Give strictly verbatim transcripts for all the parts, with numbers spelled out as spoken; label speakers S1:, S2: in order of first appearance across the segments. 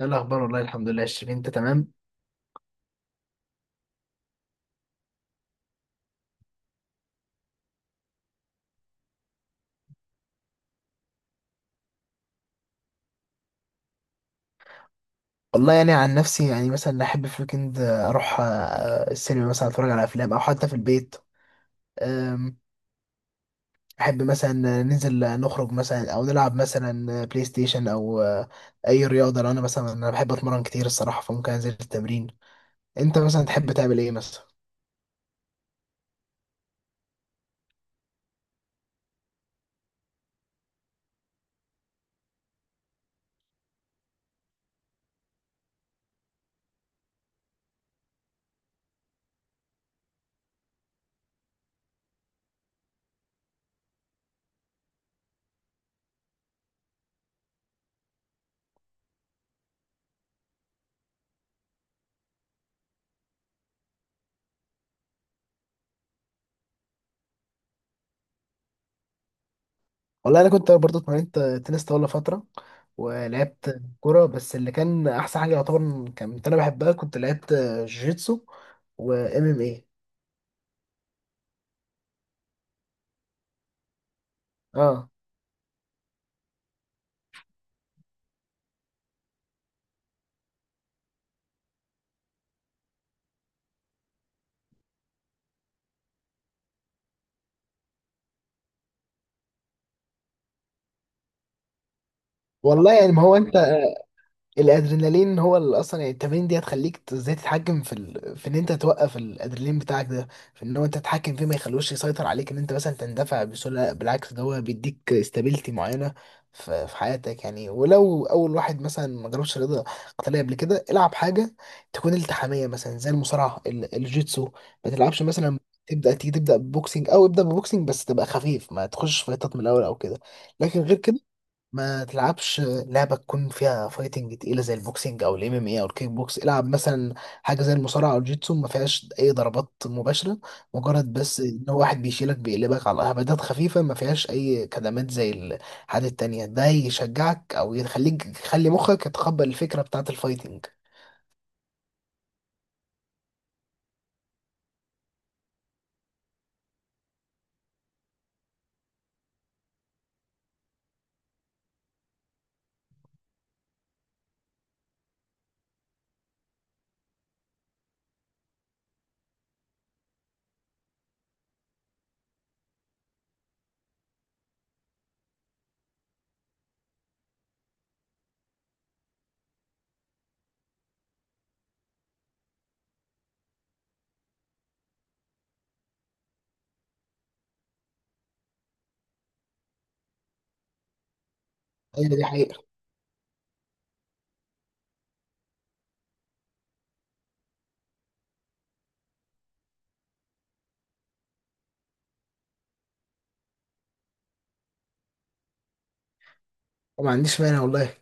S1: ايه الاخبار والله الحمد لله يا شيرين انت تمام. والله يعني عن نفسي يعني مثلا احب في الويكند اروح آه، السينما مثلا اتفرج على افلام او حتى في البيت. أم، احب مثلا ننزل نخرج مثلا او نلعب مثلا بلاي ستيشن او آه، اي رياضه لو انا مثلا انا بحب اتمرن كتير الصراحه، فممكن انزل التمرين. انت مثلا تحب تعمل ايه مثلا؟ والله انا كنت برضه اتمرنت تنس طاوله فتره، ولعبت كوره، بس اللي كان احسن حاجه يعتبر كانت انا بحبها كنت لعبت جوجيتسو وام ام اي. اه، والله يعني ما هو انت الادرينالين هو اللي اصلا يعني التمارين دي هتخليك ت- ازاي تتحكم في ال... في ان انت توقف الادرينالين بتاعك ده، في ان هو انت تتحكم فيه ما يخلوش يسيطر عليك ان انت مثلا تندفع بسهوله. لا، بالعكس، ده هو بيديك استابيليتي معينه في... في حياتك يعني. ولو اول واحد مثلا ما جربش رياضه قتاليه قبل كده، العب حاجه تكون التحاميه مثلا زي المصارعه ال... الجيتسو، ما تلعبش مثلا تبدا تيجي تبدا ببوكسنج، او ابدا ببوكسنج بس تبقى خفيف، ما تخش فايتات من الاول او كده. لكن غير كده ما تلعبش لعبة تكون فيها فايتنج تقيلة زي البوكسينج أو الام ام اي أو الكيك بوكس. العب مثلا حاجة زي المصارعة أو الجيتسو ما فيهاش أي ضربات مباشرة، مجرد بس إن هو واحد بيشيلك بيقلبك على هبدات خفيفة ما فيهاش أي كدمات زي الحاجات التانية. ده يشجعك أو يخليك يخلي مخك يتقبل الفكرة بتاعة الفايتنج. أيوة، دي حقيقة. وما عنديش مانع والله.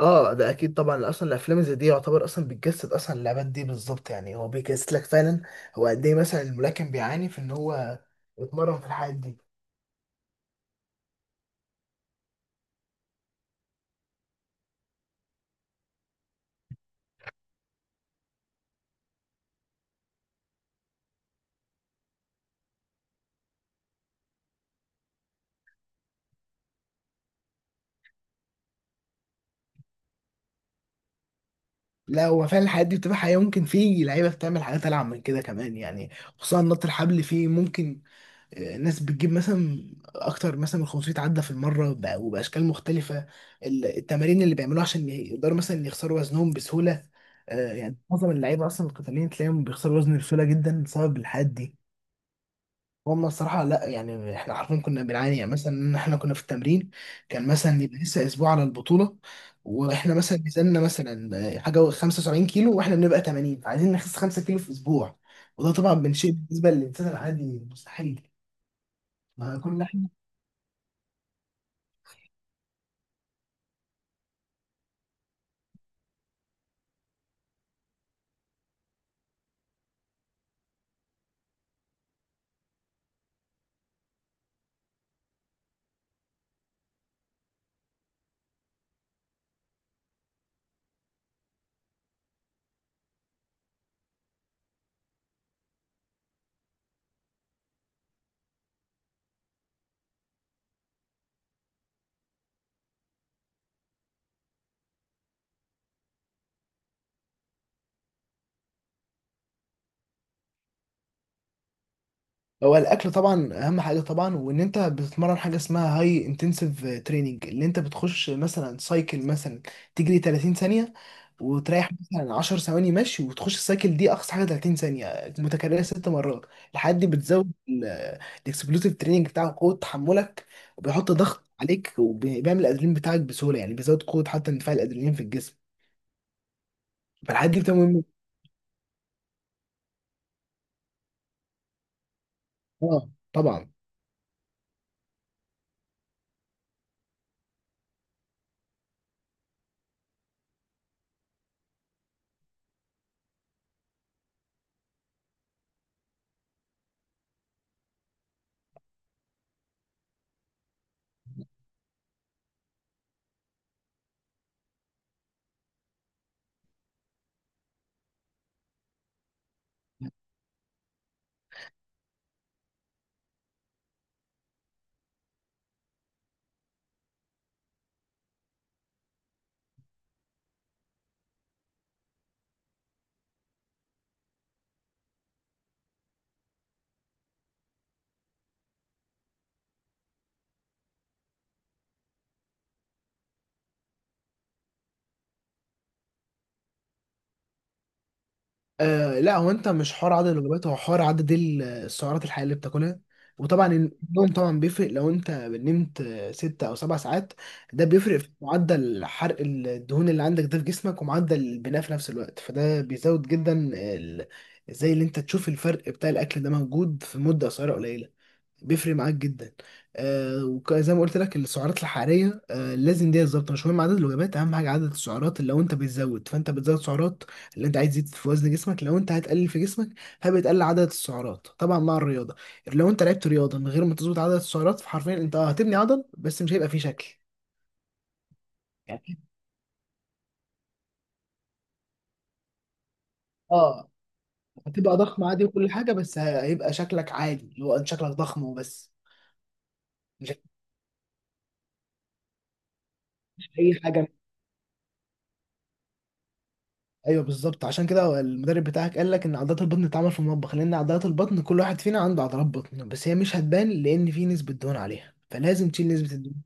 S1: اه، ده اكيد طبعا، اصلا الافلام زي دي يعتبر اصلا بتجسد اصلا اللعبات دي بالظبط، يعني هو بيجسد لك فعلا هو قد ايه مثلا الملاكم بيعاني في ان هو يتمرن في الحاجات دي. لا، هو فعلا الحاجات دي بتبقى حقيقة، ممكن في لعيبة بتعمل حاجات ألعب من كده كمان يعني. خصوصا نط الحبل، فيه ممكن آه، ناس بتجيب مثلا أكتر مثلا من خمسميه عدة في المرة بقى- وبأشكال مختلفة. ال- التمارين اللي بيعملوها عشان يقدروا مثلا يخسروا وزنهم بسهولة. آه، يعني معظم اللعيبة أصلا القتاليين تلاقيهم بيخسروا وزن بسهولة جدا بسبب الحاجات دي. هم الصراحة لا يعني احنا عارفين كنا بنعاني، يعني مثلا ان احنا كنا في التمرين كان مثلا يبقى لسه اسبوع على البطولة، واحنا مثلا ميزاننا مثلا حاجة خمسة وسبعون كيلو واحنا بنبقى تمانين، فعايزين نخس خمسة كيلو في اسبوع. وده طبعا من شيء بالنسبة للإنسان العادي مستحيل. ما كل احنا هو الاكل طبعا اهم حاجة. طبعا وان انت بتتمرن حاجة اسمها هاي انتنسيف تريننج، اللي انت بتخش مثلا سايكل مثلا تجري ثلاثين ثانية وتريح مثلا عشر ثواني مشي، وتخش السايكل دي اقصى حاجه ثلاثين ثانيه متكرره ست مرات، لحد بتزود الاكسبلوسيف تريننج بتاعك قوه تحملك. وبيحط ضغط عليك وبيعمل الادرينالين بتاعك بسهوله، يعني بيزود قوه حتى اندفاع الادرينالين في الجسم. فالحاجات دي بتبقى مهمه. اه طبعا. آه لا، هو انت مش حوار عدد الوجبات، هو حوار عدد ال- السعرات الحقيقيه اللي بتاكلها. وطبعا النوم طبعا بيفرق، لو انت نمت آه، ست او سبع ساعات ده بيفرق في معدل حرق الدهون اللي عندك ده في جسمك ومعدل البناء في نفس الوقت، فده بيزود جدا ال... زي اللي انت تشوف الفرق بتاع الاكل ده موجود في مده قصيره قليله، بيفرق معاك جدا. آه وزي ما قلت لك السعرات الحراريه، آه لازم دي بالظبط، مش مهم عدد الوجبات، اهم حاجه عدد السعرات. اللي لو انت بتزود فانت بتزود سعرات اللي انت عايز تزيد في وزن جسمك، لو انت هتقلل في جسمك فبتقلل عدد السعرات طبعا مع الرياضه. لو انت لعبت رياضه من غير ما تظبط عدد السعرات، فحرفيا انت اه هتبني عضل بس مش هيبقى فيه شكل يعني. اه، هتبقى ضخم عادي وكل حاجه، بس هيبقى شكلك عادي اللي هو انت شكلك ضخم وبس، مش هتعمل اي حاجه. ايوه بالظبط، عشان كده المدرب بتاعك قال لك ان عضلات البطن بتتعمل في المطبخ، لان عضلات البطن كل واحد فينا عنده عضلات بطن، بس هي مش هتبان لان في نسبه دهون عليها، فلازم تشيل نسبه الدهون.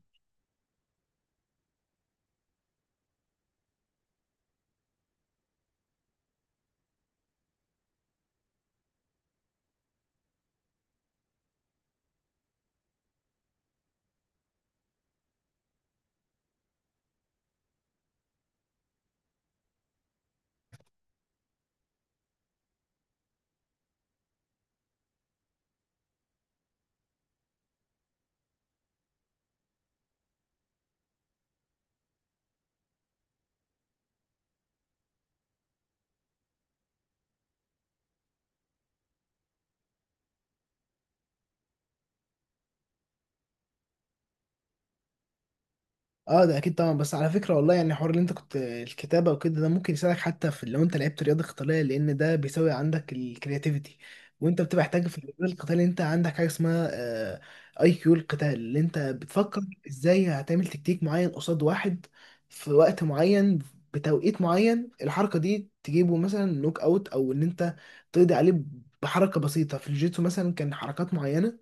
S1: اه ده اكيد طبعا. بس على فكره والله يعني حوار اللي انت كنت الكتابه وكده ده ممكن يساعدك حتى في لو انت لعبت رياضه قتاليه، لان ده بيساوي عندك الكرياتيفيتي. وانت بتبقى محتاج في الرياضه القتاليه، انت عندك حاجه اسمها اي كيو القتال، اللي انت بتفكر ازاي هتعمل تكتيك معين قصاد واحد في وقت معين، بتوقيت معين، الحركه دي تجيبه مثلا نوك اوت او ان انت تقضي عليه بحركه بسيطه. في الجيتسو مثلا كان حركات معينه،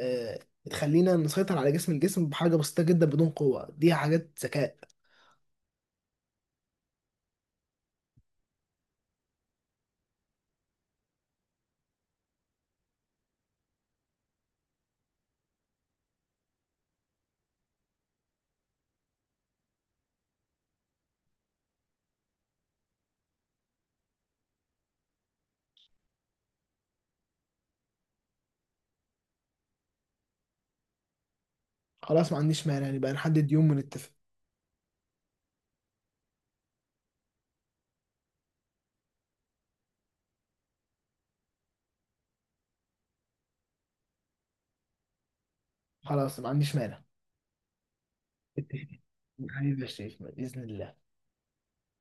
S1: آه، تخلينا نسيطر على جسم الجسم بحاجة بسيطة جدا بدون قوة، دي حاجات ذكاء. خلاص، ما عنديش مانع، يعني بقى نحدد يوم ونتفق. خلاص، ما عنديش مانع. اتفقنا. حبيبي يا شريف بإذن الله.